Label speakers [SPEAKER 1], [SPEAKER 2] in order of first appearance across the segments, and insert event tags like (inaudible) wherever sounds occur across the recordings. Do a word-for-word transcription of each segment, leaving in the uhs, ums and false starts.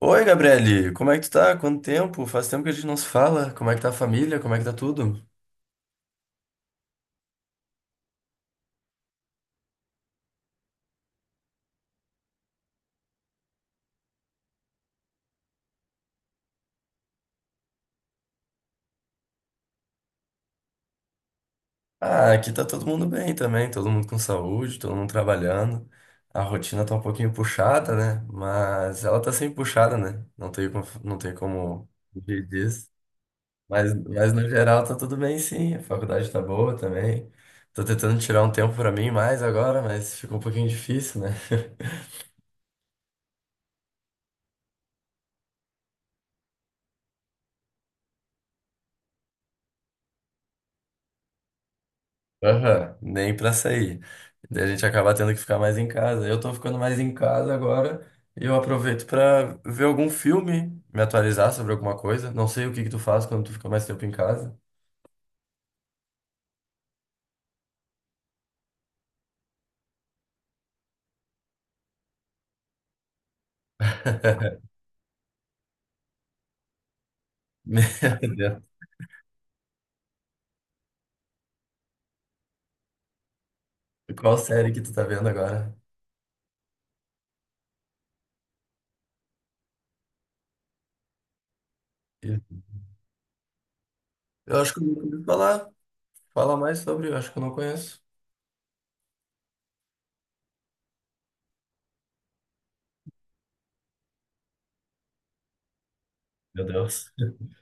[SPEAKER 1] Oi, Gabriele, como é que tu tá? Quanto tempo? Faz tempo que a gente não se fala. Como é que tá a família? Como é que tá tudo? Ah, aqui tá todo mundo bem também, todo mundo com saúde, todo mundo trabalhando. A rotina tá um pouquinho puxada, né? Mas ela tá sempre puxada, né? Não tem como, não tem como fugir disso. Mas, mas no geral tá tudo bem sim, a faculdade tá boa também. Tô tentando tirar um tempo pra mim mais agora, mas ficou um pouquinho difícil, né? Aham, nem pra sair. Daí a gente acaba tendo que ficar mais em casa. Eu tô ficando mais em casa agora e eu aproveito pra ver algum filme, me atualizar sobre alguma coisa. Não sei o que que tu faz quando tu fica mais tempo em casa. (laughs) Meu Deus. Qual série que tu tá vendo agora? Eu acho que eu nunca ouvi falar. Fala mais sobre, eu acho que eu não conheço. Meu Deus. (laughs)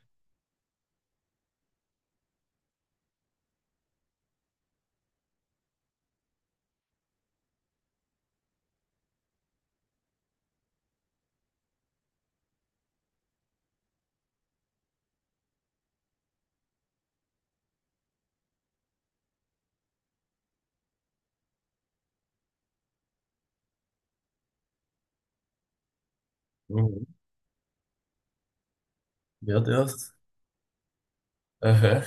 [SPEAKER 1] Uhum. Meu Deus. Aham.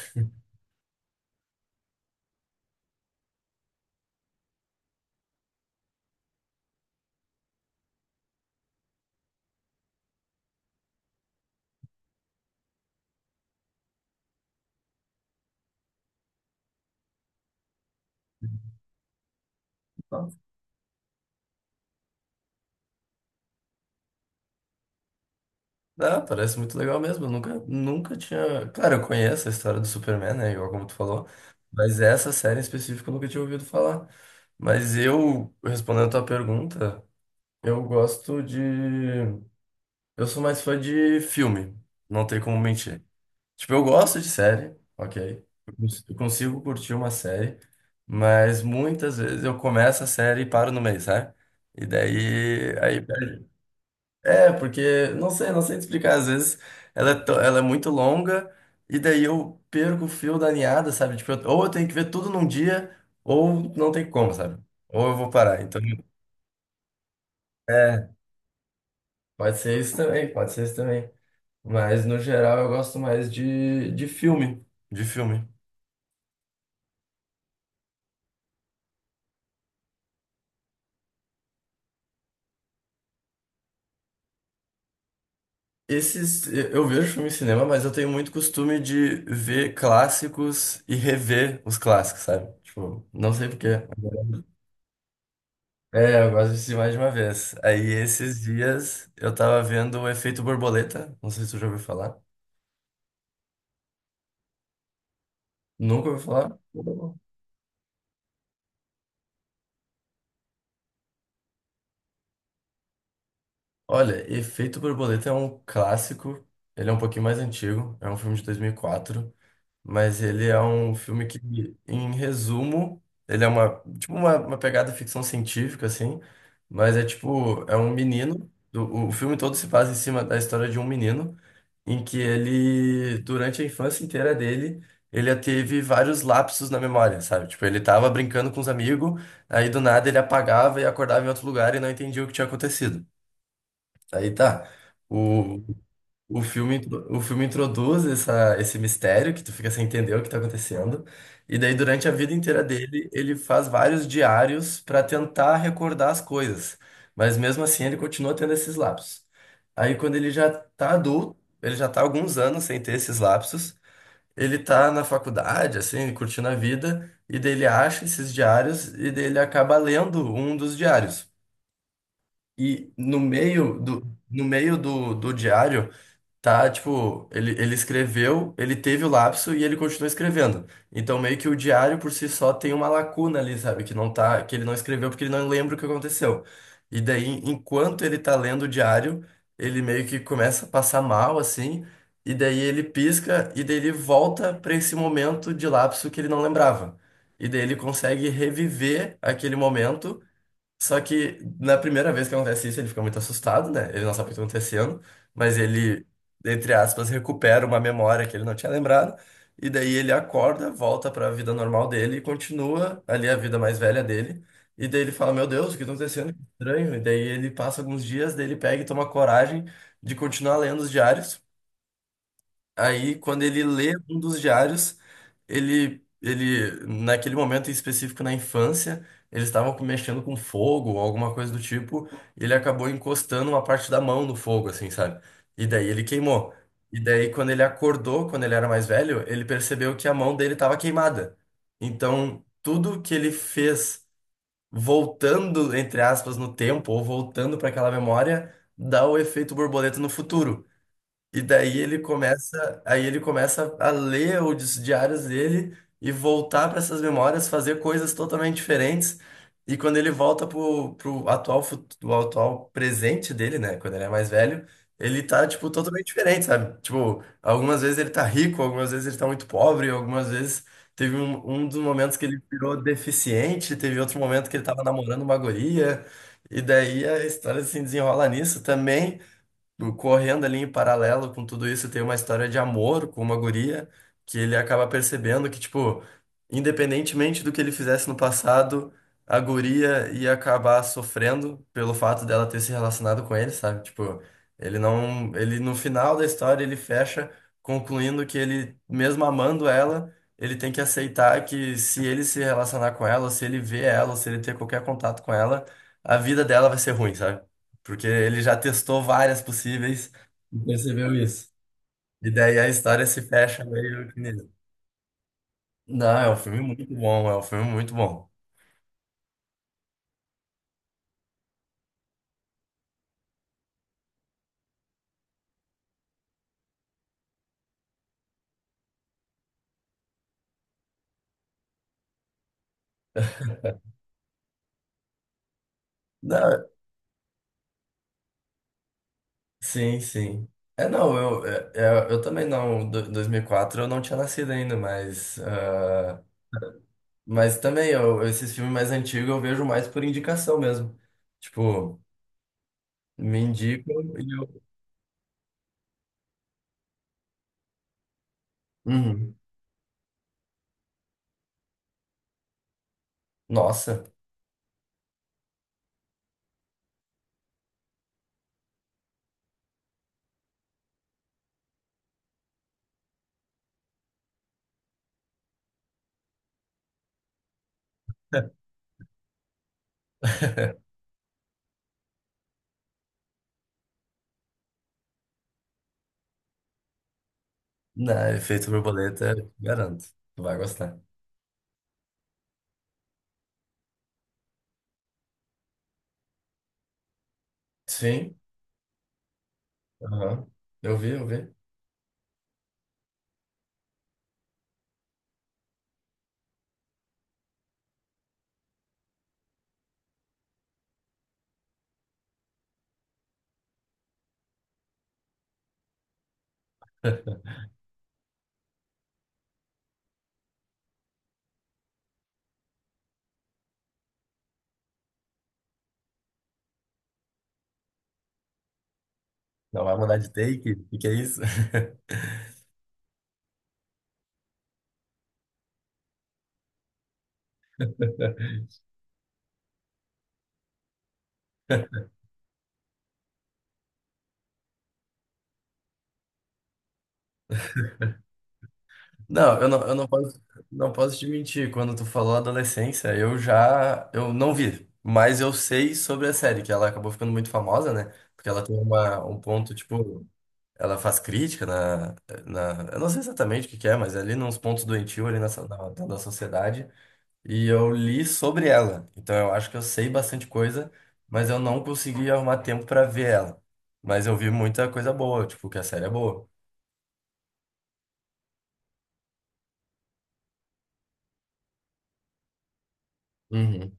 [SPEAKER 1] Ah, parece muito legal mesmo. Eu nunca, nunca tinha. Claro, eu conheço a história do Superman, né? Igual como tu falou. Mas essa série em específico eu nunca tinha ouvido falar. Mas eu, respondendo a tua pergunta, eu gosto de. Eu sou mais fã de filme. Não tem como mentir. Tipo, eu gosto de série, ok? Eu cons- eu consigo curtir uma série. Mas muitas vezes eu começo a série e paro no meio, sabe? E daí. Aí, é, porque, não sei, não sei te explicar. Às vezes ela é, to- ela é muito longa e daí eu perco o fio da meada, sabe? Tipo, eu- ou eu tenho que ver tudo num dia, ou não tem como, sabe? Ou eu vou parar. Então, é, pode ser isso também, pode ser isso também. Mas, no geral, eu gosto mais de, de filme. De filme. Esses, eu eu vejo filme em cinema, mas eu tenho muito costume de ver clássicos e rever os clássicos, sabe? Tipo, não sei porquê. É, eu gosto de assistir mais de uma vez. Aí esses dias eu tava vendo o Efeito Borboleta, não sei se tu já ouviu falar. Nunca ouviu falar? Olha, Efeito Borboleta é um clássico, ele é um pouquinho mais antigo, é um filme de dois mil e quatro, mas ele é um filme que, em resumo, ele é uma, tipo uma, uma pegada ficção científica, assim, mas é tipo, é um menino, o, o filme todo se passa em cima da história de um menino, em que ele, durante a infância inteira dele, ele já teve vários lapsos na memória, sabe? Tipo, ele tava brincando com os amigos, aí do nada ele apagava e acordava em outro lugar e não entendia o que tinha acontecido. Aí tá. O, o filme, intro- o filme introduz essa, esse mistério que tu fica sem entender o que tá acontecendo. E daí, durante a vida inteira dele, ele faz vários diários para tentar recordar as coisas. Mas mesmo assim, ele continua tendo esses lapsos. Aí, quando ele já tá adulto, ele já tá há alguns anos sem ter esses lapsos. Ele tá na faculdade, assim, curtindo a vida. E daí, ele acha esses diários e daí, ele acaba lendo um dos diários. E no meio do, no meio do, do diário tá, tipo, ele, ele escreveu, ele teve o lapso e ele continua escrevendo. Então, meio que o diário por si só tem uma lacuna ali, sabe? Que não tá, que ele não escreveu porque ele não lembra o que aconteceu. E daí, enquanto ele tá lendo o diário, ele meio que começa a passar mal, assim, e daí ele pisca, e daí ele volta pra esse momento de lapso que ele não lembrava. E daí ele consegue reviver aquele momento só que na primeira vez que acontece isso, ele fica muito assustado, né? Ele não sabe o que está acontecendo, mas ele, entre aspas, recupera uma memória que ele não tinha lembrado, e daí ele acorda, volta para a vida normal dele e continua ali a vida mais velha dele. E daí ele fala: Meu Deus, o que está acontecendo? Que estranho. E daí ele passa alguns dias, daí ele pega e toma coragem de continuar lendo os diários. Aí, quando ele lê um dos diários, ele, ele, naquele momento em específico na infância, eles estavam mexendo com fogo ou alguma coisa do tipo, e ele acabou encostando uma parte da mão no fogo, assim, sabe? E daí ele queimou. E daí, quando ele acordou, quando ele era mais velho, ele percebeu que a mão dele estava queimada. Então, tudo que ele fez voltando, entre aspas, no tempo, ou voltando para aquela memória, dá o efeito borboleta no futuro. E daí ele começa, aí ele começa a ler os diários dele e voltar para essas memórias, fazer coisas totalmente diferentes. E quando ele volta pro, pro atual, fu- do atual presente dele, né, quando ele é mais velho, ele tá, tipo, totalmente diferente, sabe? Tipo, algumas vezes ele tá rico, algumas vezes ele tá muito pobre, algumas vezes teve um, um dos momentos que ele virou deficiente, teve outro momento que ele tava namorando uma guria. E daí a história se desenrola nisso também correndo ali em paralelo com tudo isso, tem uma história de amor com uma guria que ele acaba percebendo que, tipo, independentemente do que ele fizesse no passado, a guria ia acabar sofrendo pelo fato dela ter se relacionado com ele, sabe? Tipo, ele não, ele no final da história ele fecha concluindo que ele, mesmo amando ela, ele tem que aceitar que se ele se relacionar com ela, ou se ele ver ela, ou se ele ter qualquer contato com ela, a vida dela vai ser ruim, sabe? Porque ele já testou várias possíveis e percebeu isso. E daí a história se fecha meio que nele. Não, é um filme muito bom, é um filme muito bom. Não, sim, sim. É, não, eu, é, é, eu, também não, do- dois mil e quatro eu não tinha nascido ainda, mas, ah, mas também eu, esses filmes mais antigos eu vejo mais por indicação mesmo. Tipo, me indicam e eu... Uhum. Nossa. (laughs) Não, Efeito Borboleta, garanto, tu vai gostar. Sim. Aham. Eu vi, eu vi. (laughs) Não vai mudar de take? O que que é isso? (laughs) Não, eu não, eu não posso, não posso te mentir. Quando tu falou adolescência, eu já, eu não vi, mas eu sei sobre a série, que ela acabou ficando muito famosa, né? Porque ela tem uma, um ponto, tipo, ela faz crítica na, na, eu não sei exatamente o que que é, mas é ali nos pontos doentio ali na, so- na, da da sociedade. E eu li sobre ela. Então eu acho que eu sei bastante coisa, mas eu não consegui arrumar tempo pra ver ela. Mas eu vi muita coisa boa, tipo, que a série é boa. Uhum.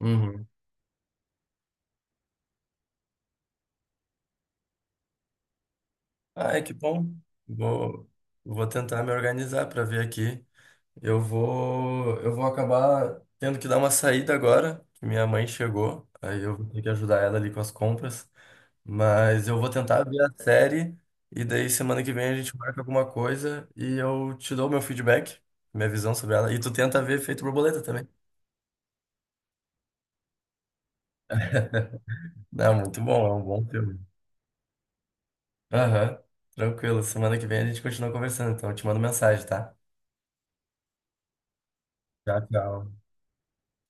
[SPEAKER 1] Uhum. Ah, é que bom. Vou, vou tentar me organizar pra ver aqui. Eu vou, eu vou acabar tendo que dar uma saída agora, que minha mãe chegou. Aí eu vou ter que ajudar ela ali com as compras. Mas eu vou tentar ver a série e daí semana que vem a gente marca alguma coisa e eu te dou meu feedback, minha visão sobre ela. E tu tenta ver Efeito Borboleta também. É muito bom, é um bom filme. Aham, tranquilo. Semana que vem a gente continua conversando, então eu te mando mensagem, tá? Tchau, tchau.